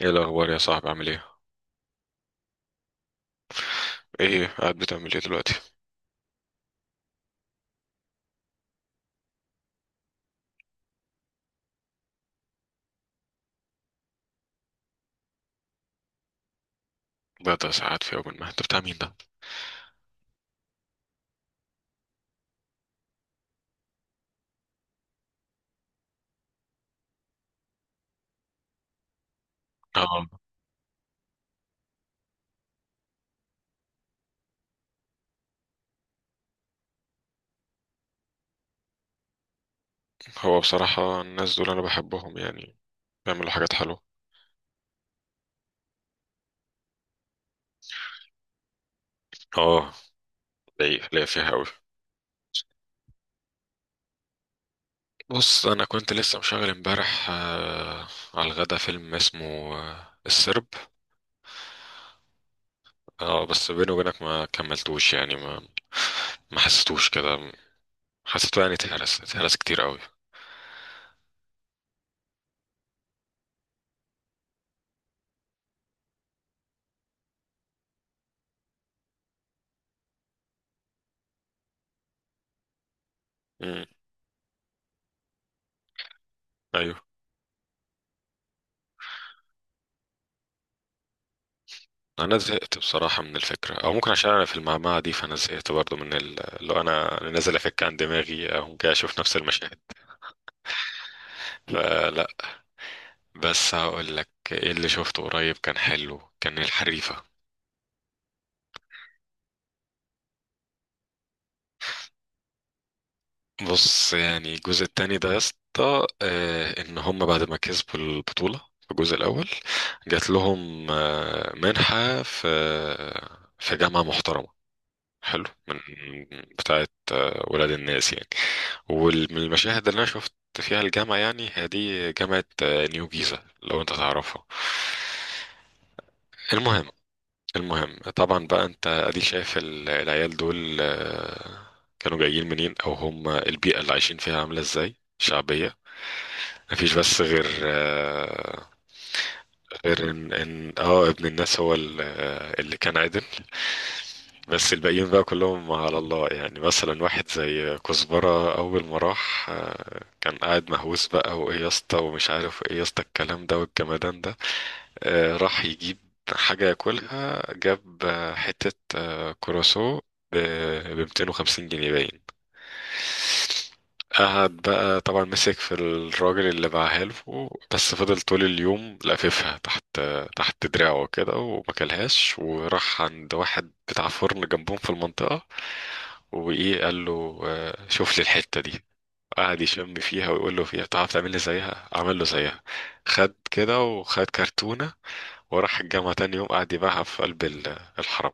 ايه الاخبار يا صاحبي؟ عامل ايه؟ ايه قاعد بتعمل ايه دلوقتي؟ بقى ساعات في يوم ما، انت بتاع مين ده؟ اه، هو بصراحة الناس دول انا بحبهم يعني، بيعملوا حاجات حلوة. اه، ليا ليا فيها قوي. بص، انا كنت لسه مشغل امبارح على الغدا فيلم اسمه السرب. اه بس بيني وبينك ما كملتوش، يعني ما حسيتوش كده، حسيته يعني اتهرس، اتهرس كتير قوي. امم ايوه، انا زهقت بصراحه من الفكره، او ممكن عشان انا في المعمعه دي، فانا زهقت برضو اللي هو أنا نازل افك عن دماغي او جاي اشوف نفس المشاهد، فلا. بس هقول لك ايه اللي شفته قريب كان حلو، كان الحريفه. بص يعني الجزء التاني ده يا اسطى، ان هم بعد ما كسبوا البطوله في الجزء الاول، جات لهم منحه في جامعه محترمه حلو، من بتاعه ولاد الناس يعني. والمشاهد اللي انا شفت فيها الجامعة، يعني هي دي جامعة نيو جيزة لو انت تعرفها. المهم، المهم طبعا بقى، انت ادي شايف العيال دول كانوا جايين منين، او هم البيئة اللي عايشين فيها عاملة ازاي، شعبية. مفيش بس غير ان اه ابن الناس هو اللي كان عدل. بس الباقيين بقى كلهم على الله، يعني مثلا واحد زي كزبرة أول ما راح كان قاعد مهووس بقى، وإيه يا اسطى ومش عارف إيه يا اسطى، الكلام ده والجمدان ده. راح يجيب حاجة ياكلها، جاب حتة كروسو ب 250 ج باين. قعد بقى طبعا، مسك في الراجل اللي باعها له، بس فضل طول اليوم لاففها تحت دراعه كده وما كلهاش، وراح عند واحد بتاع فرن جنبهم في المنطقة، وايه قال له شوف لي الحتة دي، قعد يشم فيها ويقول له فيها تعرف تعمل لي زيها. عمل له زيها، خد كده وخد كرتونة وراح الجامعة تاني يوم، قعد يبيعها في قلب الحرم.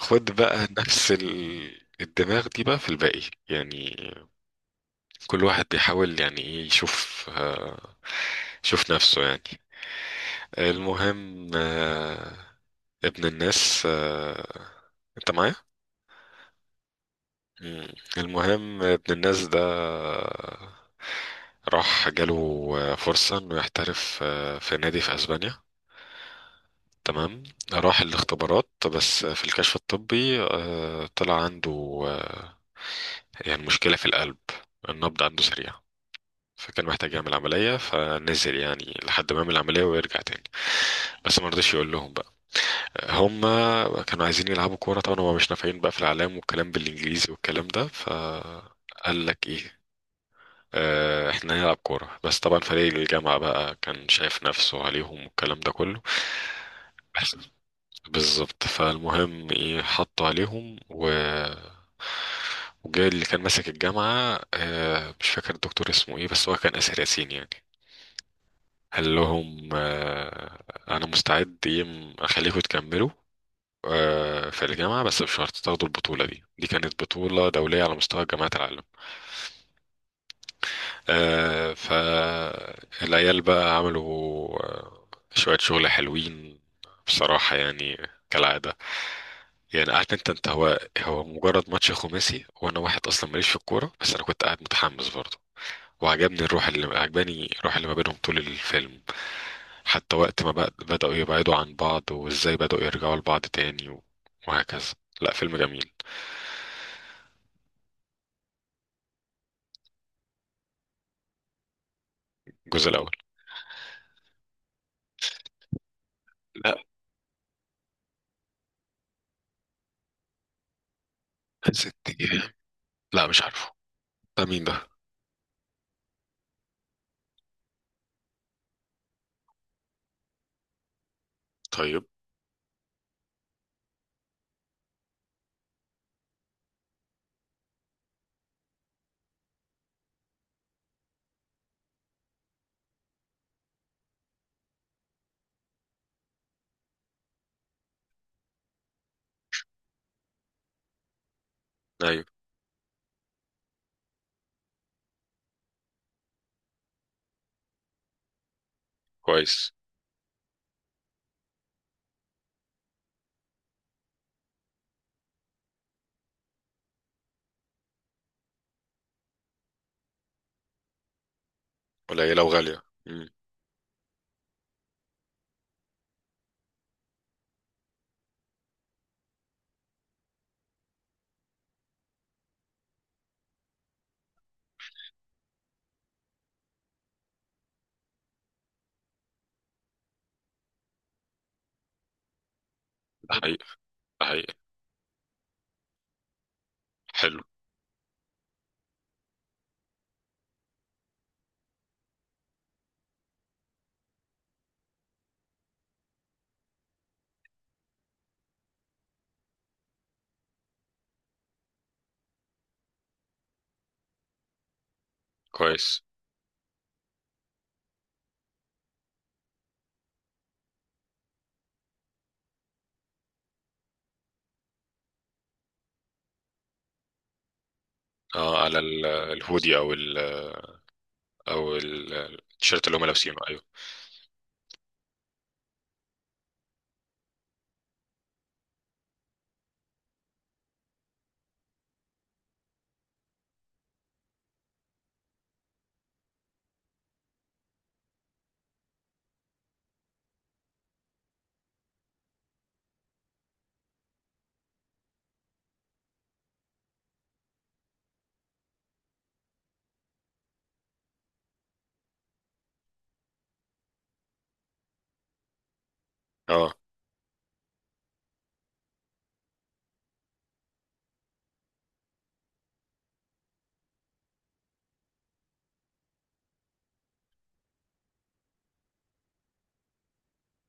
خد بقى نفس الدماغ دي بقى في الباقي، يعني كل واحد بيحاول يعني ايه يشوف يشوف نفسه يعني. المهم ابن الناس انت معايا؟ مم. المهم ابن الناس ده راح جاله فرصة انه يحترف في نادي في اسبانيا. تمام، راح الاختبارات، بس في الكشف الطبي طلع عنده آه، يعني مشكلة في القلب، النبض عنده سريع، فكان محتاج يعمل عملية، فنزل يعني لحد ما يعمل العملية ويرجع تاني. بس ما رضيش يقول لهم بقى. هم كانوا عايزين يلعبوا كورة، طبعا هم مش نافعين بقى في الإعلام والكلام بالإنجليزي والكلام ده، فقال لك إيه احنا هنلعب كورة. بس طبعا فريق الجامعة بقى كان شايف نفسه عليهم والكلام ده كله. بس بالظبط، فالمهم ايه، حطوا عليهم، و وجاي اللي كان ماسك الجامعة، مش فاكر الدكتور اسمه ايه، بس هو كان آسر ياسين يعني. قال لهم انا مستعد يم اخليكم تكملوا في الجامعة، بس بشرط تاخدوا البطولة دي، دي كانت بطولة دولية على مستوى جامعات العالم. فالعيال بقى عملوا آه، شوية شغل حلوين بصراحة يعني، كالعادة. يعني عارف انت، هو مجرد ماتش خماسي وانا واحد اصلا ماليش في الكورة، بس انا كنت قاعد متحمس برضه. وعجبني الروح اللي عجباني، الروح اللي ما بينهم طول الفيلم، حتى وقت ما بدأوا يبعدوا عن بعض، وازاي بدأوا يرجعوا لبعض تاني و- وهكذا. لا فيلم جميل. الجزء الأول. لا ست أيام. لا مش عارفه، ده مين ده؟ طيب. أيوة. كويس. قليلة وغالية. مم. ده حقيقي، ده حقيقي. حلو. كويس. اه، على الهودي أو ال، أو التيشيرت اللي هم لابسينه، أيوة. اه،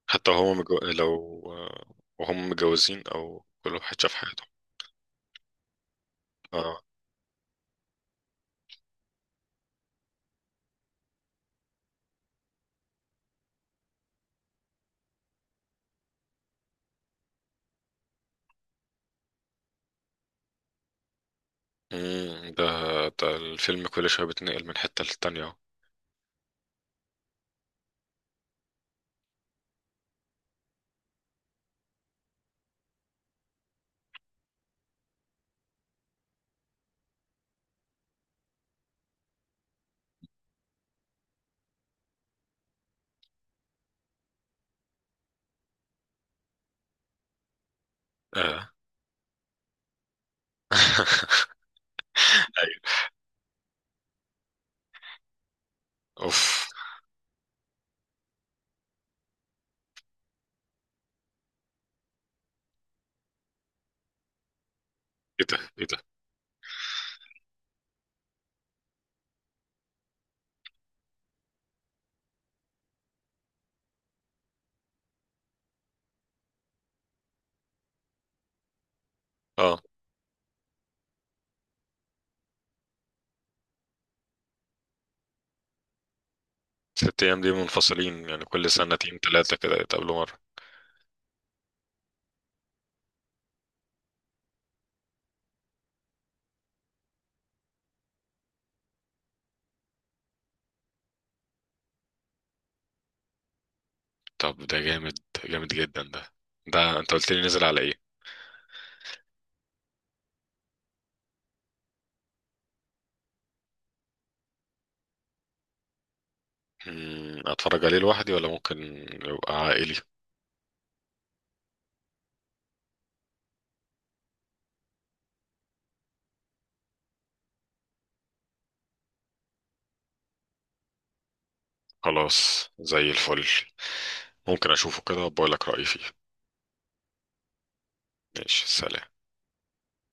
حتى هو مجو... لو وهم متجوزين أو كل واحد شاف حياته؟ اه. امم، ده، ده الفيلم كل شويه بيتنقل من حته للتانيه اهو. اه. ايوه. اوف. ايه ده، ايه ده؟ اه. ست ايام دي منفصلين يعني، كل سنتين ثلاثه كده يتقابلوا مره؟ طب ده جامد، جامد جدا ده. ده انت قلت لي نزل على ايه؟ امم، اتفرج عليه لوحدي ولا ممكن يبقى عائلي؟ خلاص زي الفل، ممكن اشوفه كده وبقول لك رايي فيه. ماشي، سلام.